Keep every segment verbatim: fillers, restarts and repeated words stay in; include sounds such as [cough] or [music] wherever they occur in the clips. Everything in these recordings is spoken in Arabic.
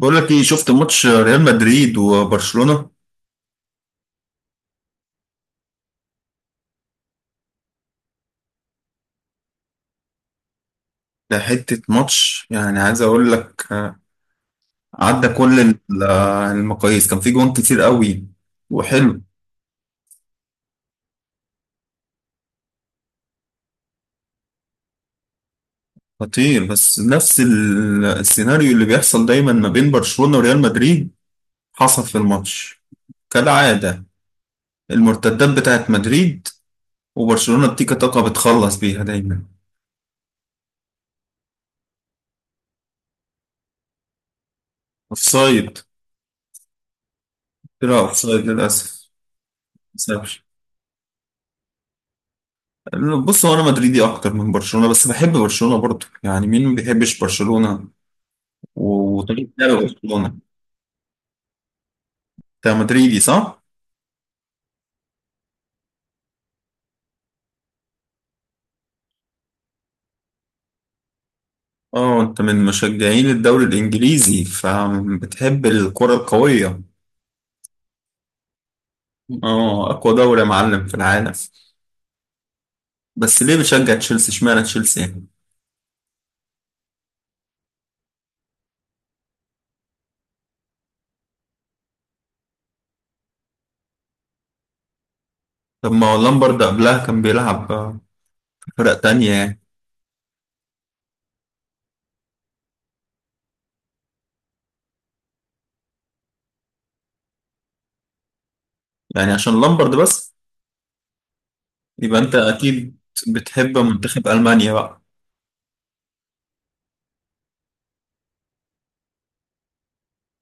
بقول لك ايه، شفت ماتش ريال مدريد وبرشلونة؟ ده حتة ماتش، يعني عايز اقول لك، آه، عدى كل ال- آه، المقاييس، كان في جوان كتير قوي وحلو. خطير. بس نفس ال- السيناريو اللي بيحصل دايما ما بين برشلونة وريال مدريد حصل في الماتش، كالعادة. المرتدات بتاعت مدريد، وبرشلونة بتيكا تاكا بتخلص بيها دايما. اوفسايد. طلع اوفسايد للأسف. بص، هو انا مدريدي اكتر من برشلونه، بس بحب برشلونه برضه. يعني مين ما بيحبش برشلونه و- وطريقه لعب برشلونه. انت مدريدي، صح؟ اه، انت من مشجعين الدوري الانجليزي فبتحب الكره القويه. اه، اقوى دوري يا معلم في العالم. بس ليه بتشجع تشيلسي؟ اشمعنى تشيلسي يعني؟ طب ما هو لامبرد قبلها كان بيلعب في فرق تانية يعني. يعني عشان لامبرد بس؟ يبقى انت اكيد بتحب منتخب المانيا بقى.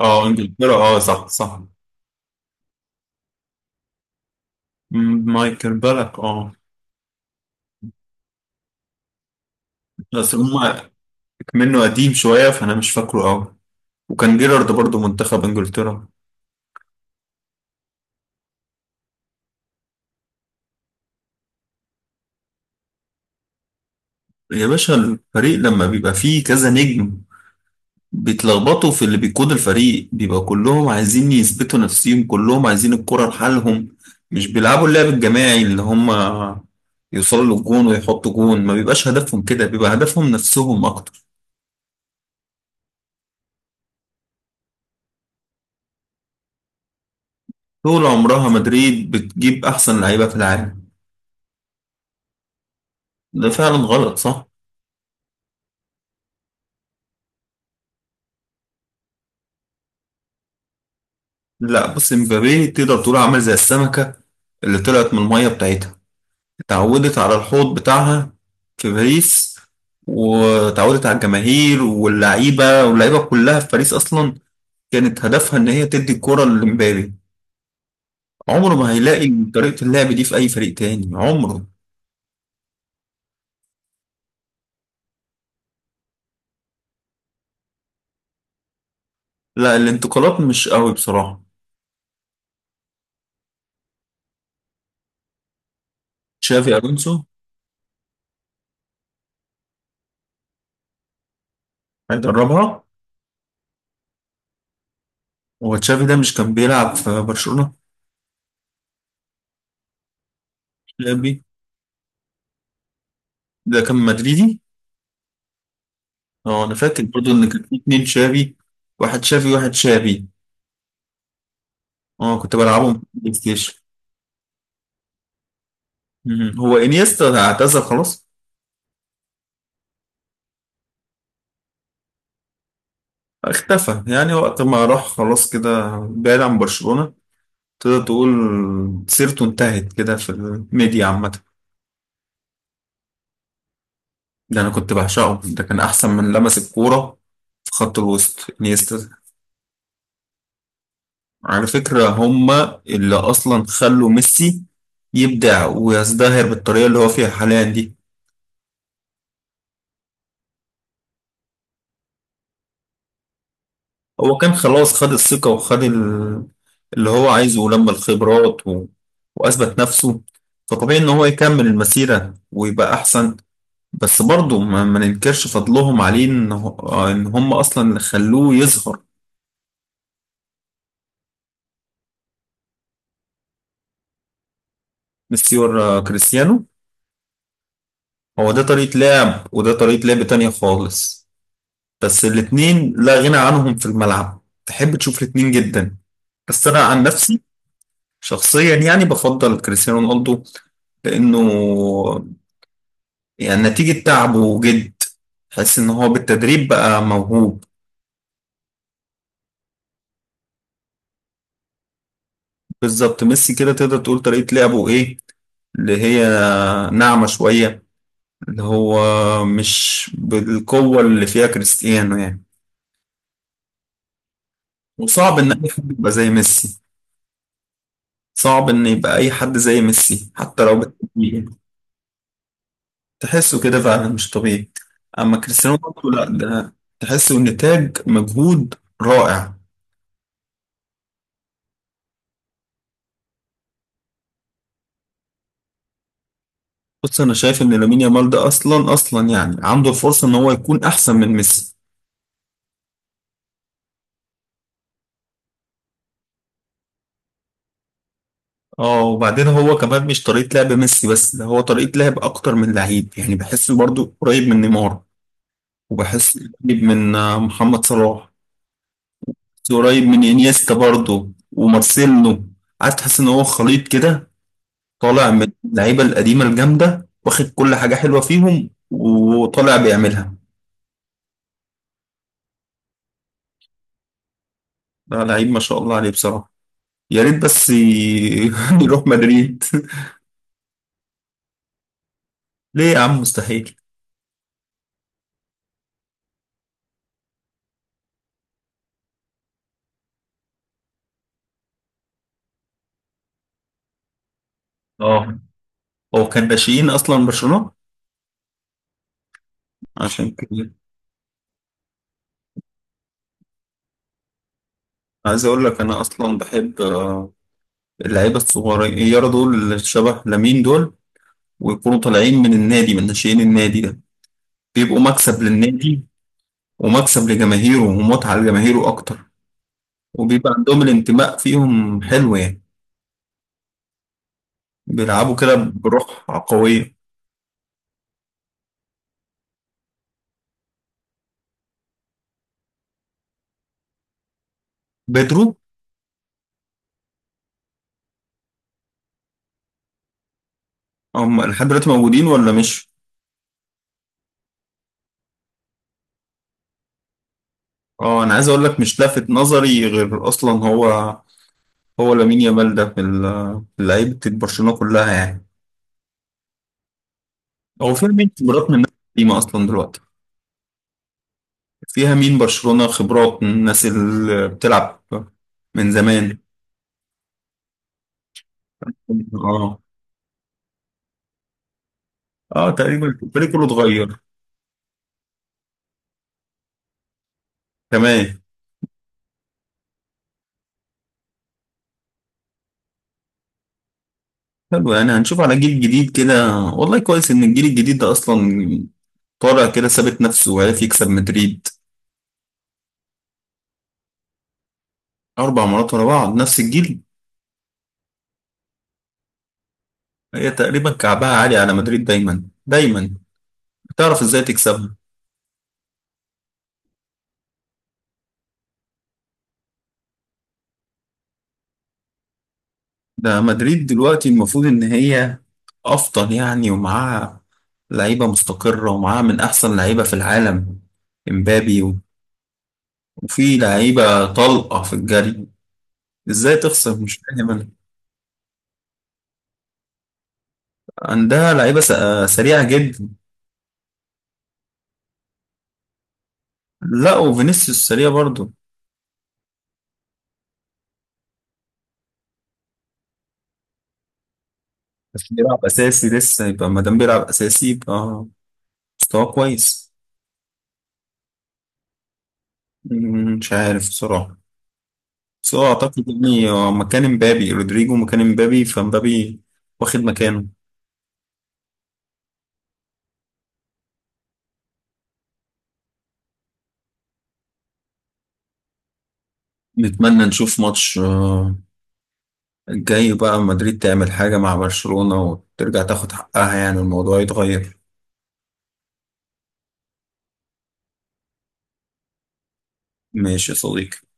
اه، انجلترا، اه، صح صح. مم، مايكل بالك، اه. بس هما منه قديم شوية فأنا مش فاكره أوي. وكان جيرارد برضه منتخب إنجلترا. يا باشا، الفريق لما بيبقى فيه كذا نجم بيتلخبطوا في اللي بيقود الفريق. بيبقى كلهم عايزين يثبتوا نفسهم، كلهم عايزين الكرة لحالهم. مش بيلعبوا اللعب الجماعي، اللي هما يوصلوا للجون ويحطوا جون ما بيبقاش هدفهم. كده بيبقى هدفهم نفسهم أكتر. طول عمرها مدريد بتجيب أحسن لعيبة في العالم. ده فعلا غلط، صح؟ لا بص، مبابي تقدر تقول عامل زي السمكة اللي طلعت من المية بتاعتها، اتعودت على الحوض بتاعها في باريس، واتعودت على الجماهير واللعيبة، واللعيبة كلها في باريس أصلا كانت هدفها إن هي تدي الكرة لمبابي. عمره ما هيلاقي طريقة اللعب دي في أي فريق تاني عمره. لا، الانتقالات مش قوي بصراحة. تشافي ألونسو. هيدربها. هو تشافي ده مش كان بيلعب في برشلونة؟ تشافي ده كان مدريدي. اه، انا فاكر برضو ان كان في اتنين شافي. واحد شافي وواحد شافي. اه، كنت بلعبهم في البلاي ستيشن. مم. هو انيستا اعتزل خلاص؟ اختفى يعني، وقت ما راح خلاص كده بعيد عن برشلونة، تقدر تقول سيرته انتهت كده في الميديا عامة. ده انا كنت بعشقه، ده كان احسن من لمس الكورة في خط الوسط، انيستا. على فكرة، هما اللي اصلا خلوا ميسي يبدع ويزدهر بالطريقة اللي هو فيها حاليا دي. هو كان خلاص خد الثقة وخد ال- اللي هو عايزه، ولما الخبرات و... وأثبت نفسه. فطبيعي إن هو يكمل المسيرة ويبقى أحسن. بس برضه ما, ما ننكرش فضلهم عليه، إن, هو... إن هم أصلا اللي خلوه يظهر. ميسي ورا كريستيانو. هو ده طريقة لعب، وده طريقة لعب تانية خالص. بس الاتنين لا غنى عنهم في الملعب، تحب تشوف الاتنين جدا. بس أنا عن نفسي شخصيا يعني بفضل كريستيانو رونالدو. لأنه يعني نتيجة تعب وجد، تحس ان هو بالتدريب بقى موهوب. بالظبط. ميسي كده تقدر تقول طريقة لعبه ايه، اللي هي ناعمة شوية، اللي هو مش بالقوة اللي فيها كريستيانو يعني. وصعب ان اي حد يبقى زي ميسي. صعب ان يبقى اي حد زي ميسي حتى لو بالتدريب. تحسه كده فعلا مش طبيعي. اما كريستيانو رونالدو لا، ده تحسه نتاج مجهود رائع. بص، انا شايف ان لامين يامال ده اصلا اصلا يعني عنده الفرصه ان هو يكون احسن من ميسي. اه، وبعدين هو كمان مش طريقه لعب ميسي بس، ده هو طريقه لعب اكتر من لعيب، يعني بحسه برضو قريب من نيمار. وبحس قريب من آه، محمد صلاح. قريب من انيستا برضو ومارسيلو. عايز تحس ان هو خليط كده، طالع من اللعيبه القديمه الجامده واخد كل حاجه حلوه فيهم وطالع بيعملها. ده لعيب ما شاء الله عليه بصراحه. يا ريت بس ي- [laughs] يروح مدريد. ليه يا عم مستحيل؟ اه، هو كان ناشئين اصلا برشلونة. عشان كده عايز اقول لك، انا اصلا بحب آه، اللعيبه الصغيره دول اللي شبه لامين دول. ويكونوا طالعين من النادي، من ناشئين النادي ده، بيبقوا مكسب للنادي. ومكسب لجماهيره ومتعه لجماهيره اكتر. وبيبقى عندهم الانتماء، فيهم حلو يعني. بيلعبوا كده بروح قويه. بيدرو. هم لحد دلوقتي موجودين ولا مش؟ اه، انا عايز اقول لك، مش لافت نظري غير اصلا هو هو لامين يامال ده في ال- في لعيبة برشلونة كلها يعني. هو فيها مين خبرات من الناس القديمة أصلا دلوقتي؟ فيها مين برشلونة خبرات من الناس اللي بتلعب من زمان؟ اه، اه، تقريبا الفريق كله اتغير. تمام. حلو، يعني هنشوف على جيل جديد كده. والله كويس إن الجيل الجديد ده أصلا طالع كده ثابت نفسه، وعرف يكسب مدريد. أربع مرات ورا بعض، نفس الجيل. هي تقريبا كعبها عالي على مدريد دايما دايما، بتعرف إزاي تكسبها. ده مدريد دلوقتي المفروض إن هي أفضل يعني، ومعاها لعيبة مستقرة، ومعاها من أحسن لعيبة في العالم. إمبابي و- وفي لعيبة طلقة في الجري. إزاي تخسر؟ مش فاهم أنا. عندها لعيبة س- آه سريعة جدا. لا، وفينيسيوس سريع برضه. بس بيلعب أساسي لسه، يبقى ما دام بيلعب أساسي يبقى مستواه كويس. مم، مش عارف بصراحة. بس هو أعتقد إن هو مكان إمبابي، رودريجو مكان إمبابي فإمبابي واخد مكانه. نتمنى نشوف ماتش آه، الجاي بقى مدريد تعمل حاجة مع برشلونة وترجع تاخد حقها، يعني الموضوع يتغير. ماشي يا صديقي.